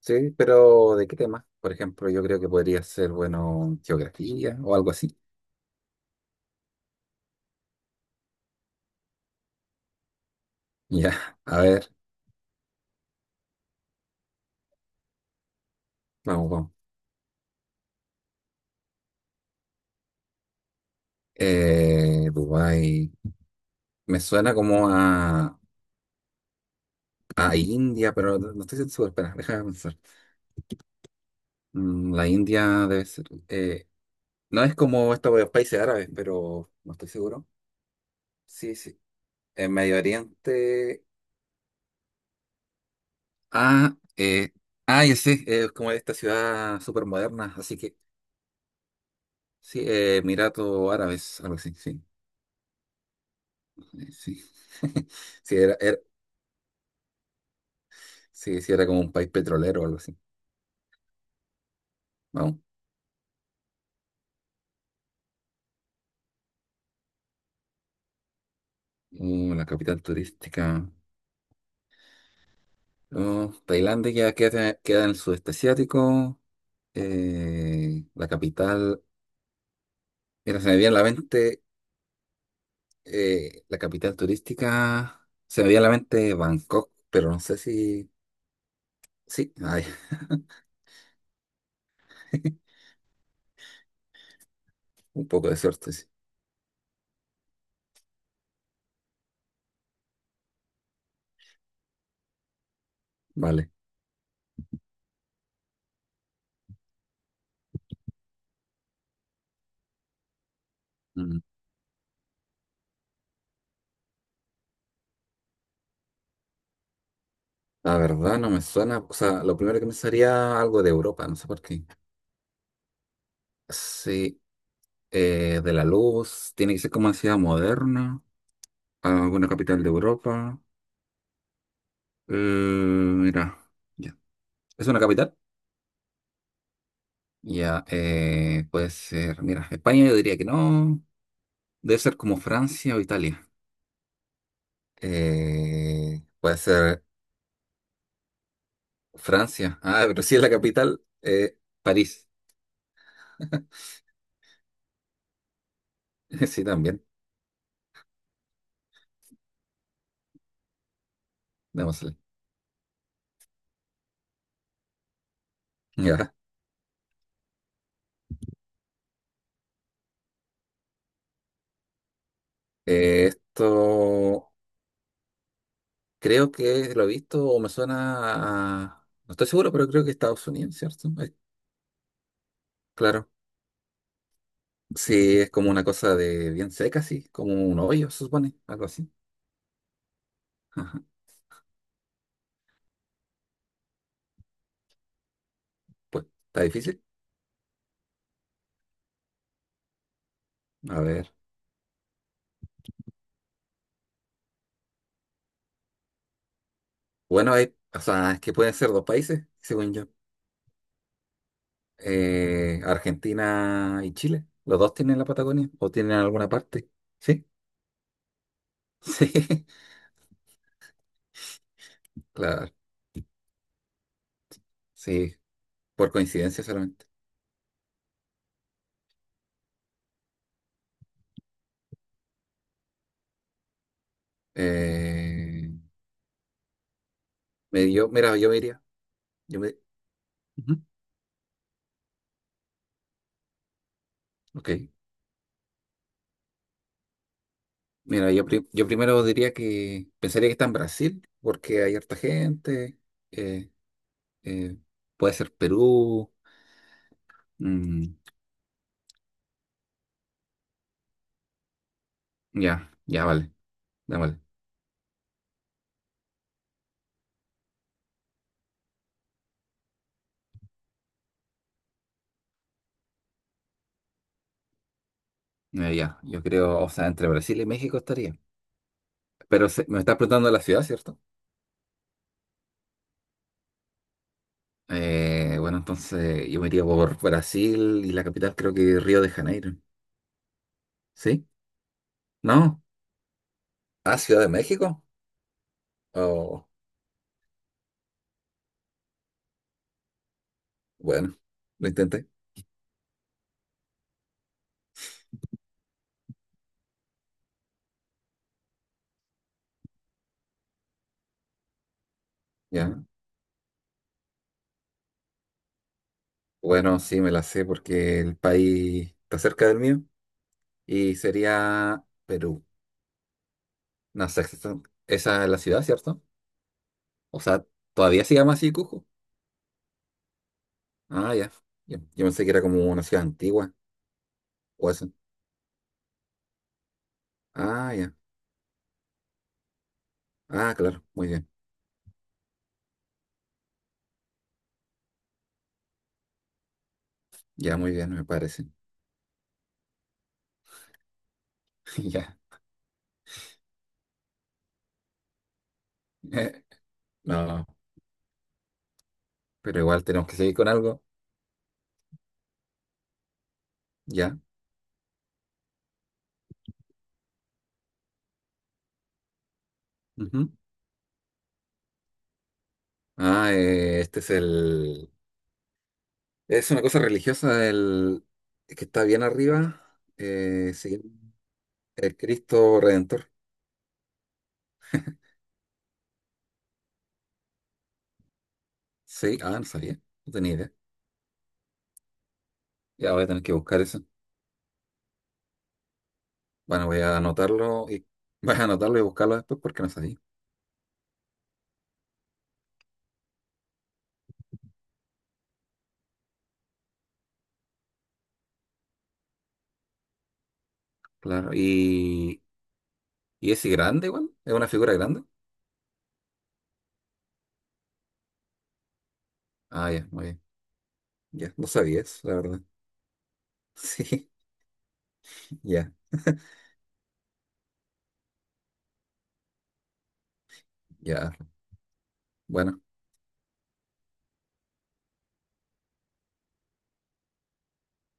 Sí, pero ¿de qué tema? Por ejemplo, yo creo que podría ser, bueno, geografía o algo así. Ya, a ver, vamos, vamos. Dubái. Me suena como a India, pero no estoy seguro. Espera, déjame pensar. La India debe ser. No es como estos países árabes, pero no estoy seguro. Sí, sí. En Medio Oriente. Ah, ya sé, es como esta ciudad súper moderna, así que sí, Emiratos Árabes, algo así, sí. Sí. Sí, sí, sí, era como un país petrolero o algo así. Vamos. La capital turística. Tailandia ya queda en el sudeste asiático. La capital. Mira, se me viene a la mente la capital turística. Se me viene a la mente Bangkok, pero no sé si. Sí, ay, un poco de suerte, sí. Vale. Mm, La verdad no me suena. O sea, lo primero que me sería algo de Europa, no sé por qué. Sí, de la luz, tiene que ser como una ciudad moderna, alguna capital de Europa. Mira, ya. ¿Es una capital? Ya, puede ser, mira, España yo diría que no, debe ser como Francia o Italia. Puede ser Francia, ah, pero si es la capital, París, sí, también, démosle. Ya. Esto creo que lo he visto o me suena a, no estoy seguro, pero creo que Estados Unidos, ¿cierto? Claro. Sí, es como una cosa de bien seca, sí, como un hoyo, se supone, algo así. Ajá. Pues está difícil. A ver. Bueno, hay, o sea, es que pueden ser dos países, según yo. Argentina y Chile. ¿Los dos tienen la Patagonia o tienen alguna parte? Sí, sí, claro, sí, por coincidencia solamente. Eh, Mira, yo me diría, yo me, ujú, ok. Mira, yo primero diría que pensaría que está en Brasil, porque hay harta gente. eh, eh, Puede ser Perú. Mm, ya, ya, vale, ya, vale. Ya, yo creo, o sea, entre Brasil y México estaría. Pero me estás preguntando la ciudad, ¿cierto? Bueno, entonces yo me iría por Brasil y la capital creo que Río de Janeiro. ¿Sí? ¿No? Ah, Ciudad de México. Oh, bueno, lo intenté. Ya. Bueno, sí, me la sé porque el país está cerca del mío y sería Perú. No sé, esa es la ciudad, ¿cierto? O sea, todavía se llama así Cusco. Ah, ya. Ya. Yo pensé que era como una ciudad antigua o eso. Ah, ya. Ah, claro. Muy bien. Ya, muy bien, me parece. Ya. Eh, no, pero igual tenemos que seguir con algo. Ya. Ujú. Ah, este es el, es una cosa religiosa, el que está bien arriba. Se llama el Cristo Redentor. Sí. Ah, no sabía. No tenía idea. Ya voy a tener que buscar eso. Bueno, voy a anotarlo y Voy a anotarlo y buscarlo después porque no sabía. Claro. ¿Y es grande igual? ¿Es una figura grande? Ah, ya, muy bien. Ya, no sabía eso, la verdad. Sí, ya, ya. Bueno,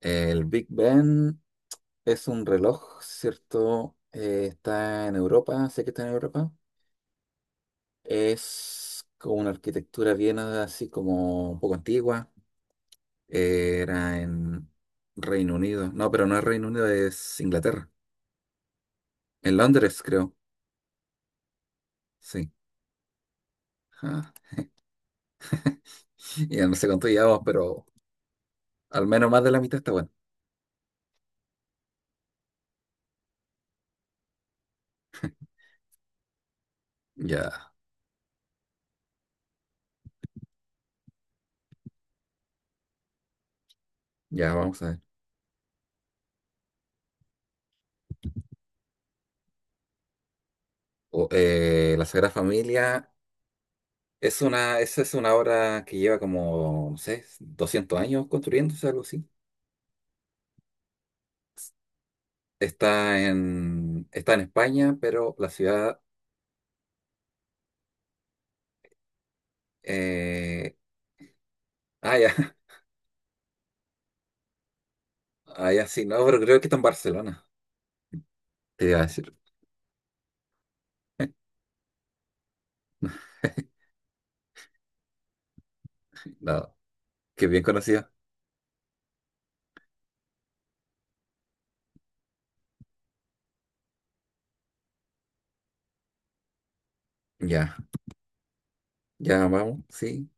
el Big Ben es un reloj, ¿cierto? Está en Europa, sé que está en Europa. Es con una arquitectura bien así como un poco antigua. Era en Reino Unido. No, pero no es Reino Unido, es Inglaterra. En Londres, creo. Sí. Ah, ya no sé cuánto llevamos, pero al menos más de la mitad está bueno. Ya. Ya, vamos a ver. La Sagrada Familia esa es una obra que lleva como, no sé, 200 años construyéndose, algo así. Está en España, pero la ciudad. eh, ah, ya, ah, ya, sí, no, pero creo que está en Barcelona, te iba a decir. No, que bien conocida. Ya, ya vamos, sí,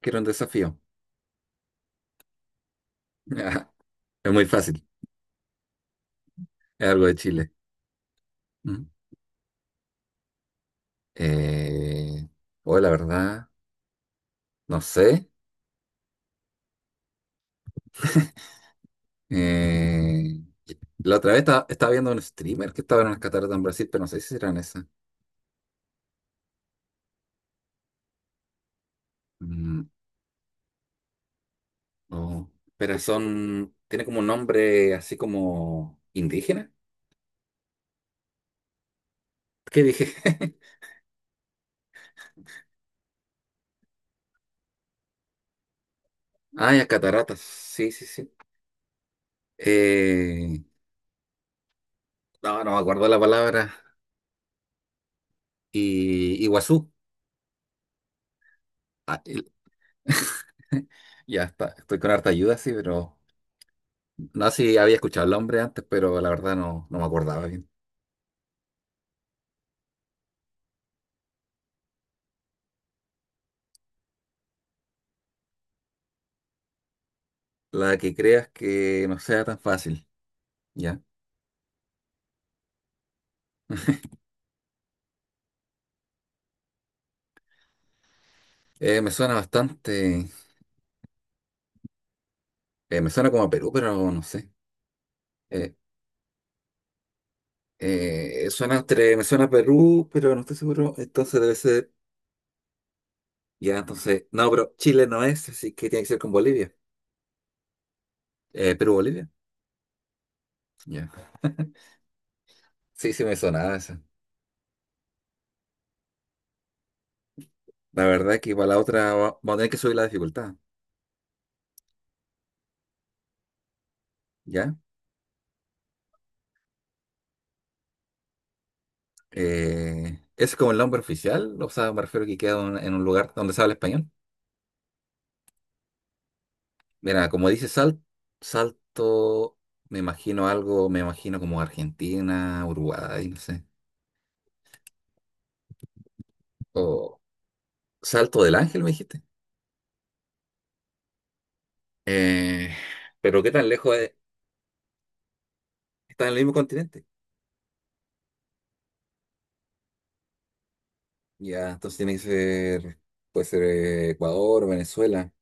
quiero un desafío. es muy fácil, es algo de Chile. Mm. Eh, o la verdad, no sé. Eh, la otra vez estaba, viendo un streamer que estaba en las cataratas en Brasil, pero no sé si eran esas. Mm, no. Pero son, tiene como un nombre así como indígena. ¿Qué dije? Ah, ya, cataratas. Sí, sí, sí. Eh, no, no me acuerdo la palabra. Y Iguazú. Ah, ya está, estoy con harta ayuda, sí, pero no sé si había escuchado el nombre antes, pero la verdad no, no me acordaba bien. La que creas que no sea tan fácil. Ya. Me suena bastante, me suena como a Perú, pero no sé. Eh, Suena entre, me suena a Perú, pero no estoy seguro. Entonces debe ser, ya, entonces, no, pero Chile no es, así que tiene que ser con Bolivia. Perú, Bolivia. Ya. Sí, sí me sonaba esa. La verdad que para la otra vamos a tener que subir la dificultad, ¿ya? ¿Es como el nombre oficial? O sea, me refiero que queda en un lugar donde se habla español. Mira, como dice salto, me imagino algo, me imagino como Argentina, Uruguay, no sé. O Salto del Ángel, me dijiste. Eh, pero ¿qué tan lejos es? Está en el mismo continente. Ya, entonces tiene que ser, puede ser Ecuador, Venezuela.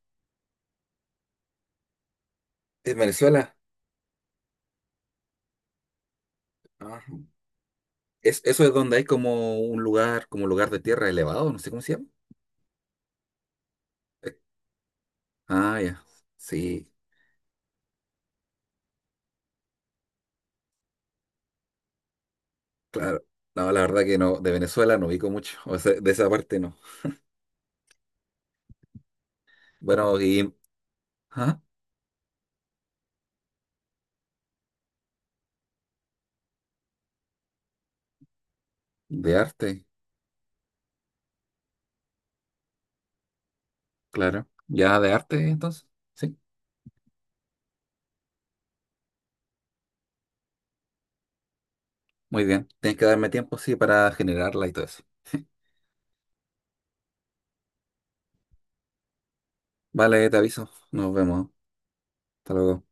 ¿Es Venezuela? Ah, ¿es, eso es donde hay como un lugar, como lugar de tierra elevado, no sé cómo se llama? Eh, ah, ya. Sí, claro. No, la verdad que no, de Venezuela no ubico mucho, o sea, de esa parte no. Bueno, y, ¿ah? De arte, claro. Ya de arte, entonces. Sí, muy bien. Tienes que darme tiempo, sí, para generarla y todo eso. Vale, te aviso. Nos vemos. Hasta luego.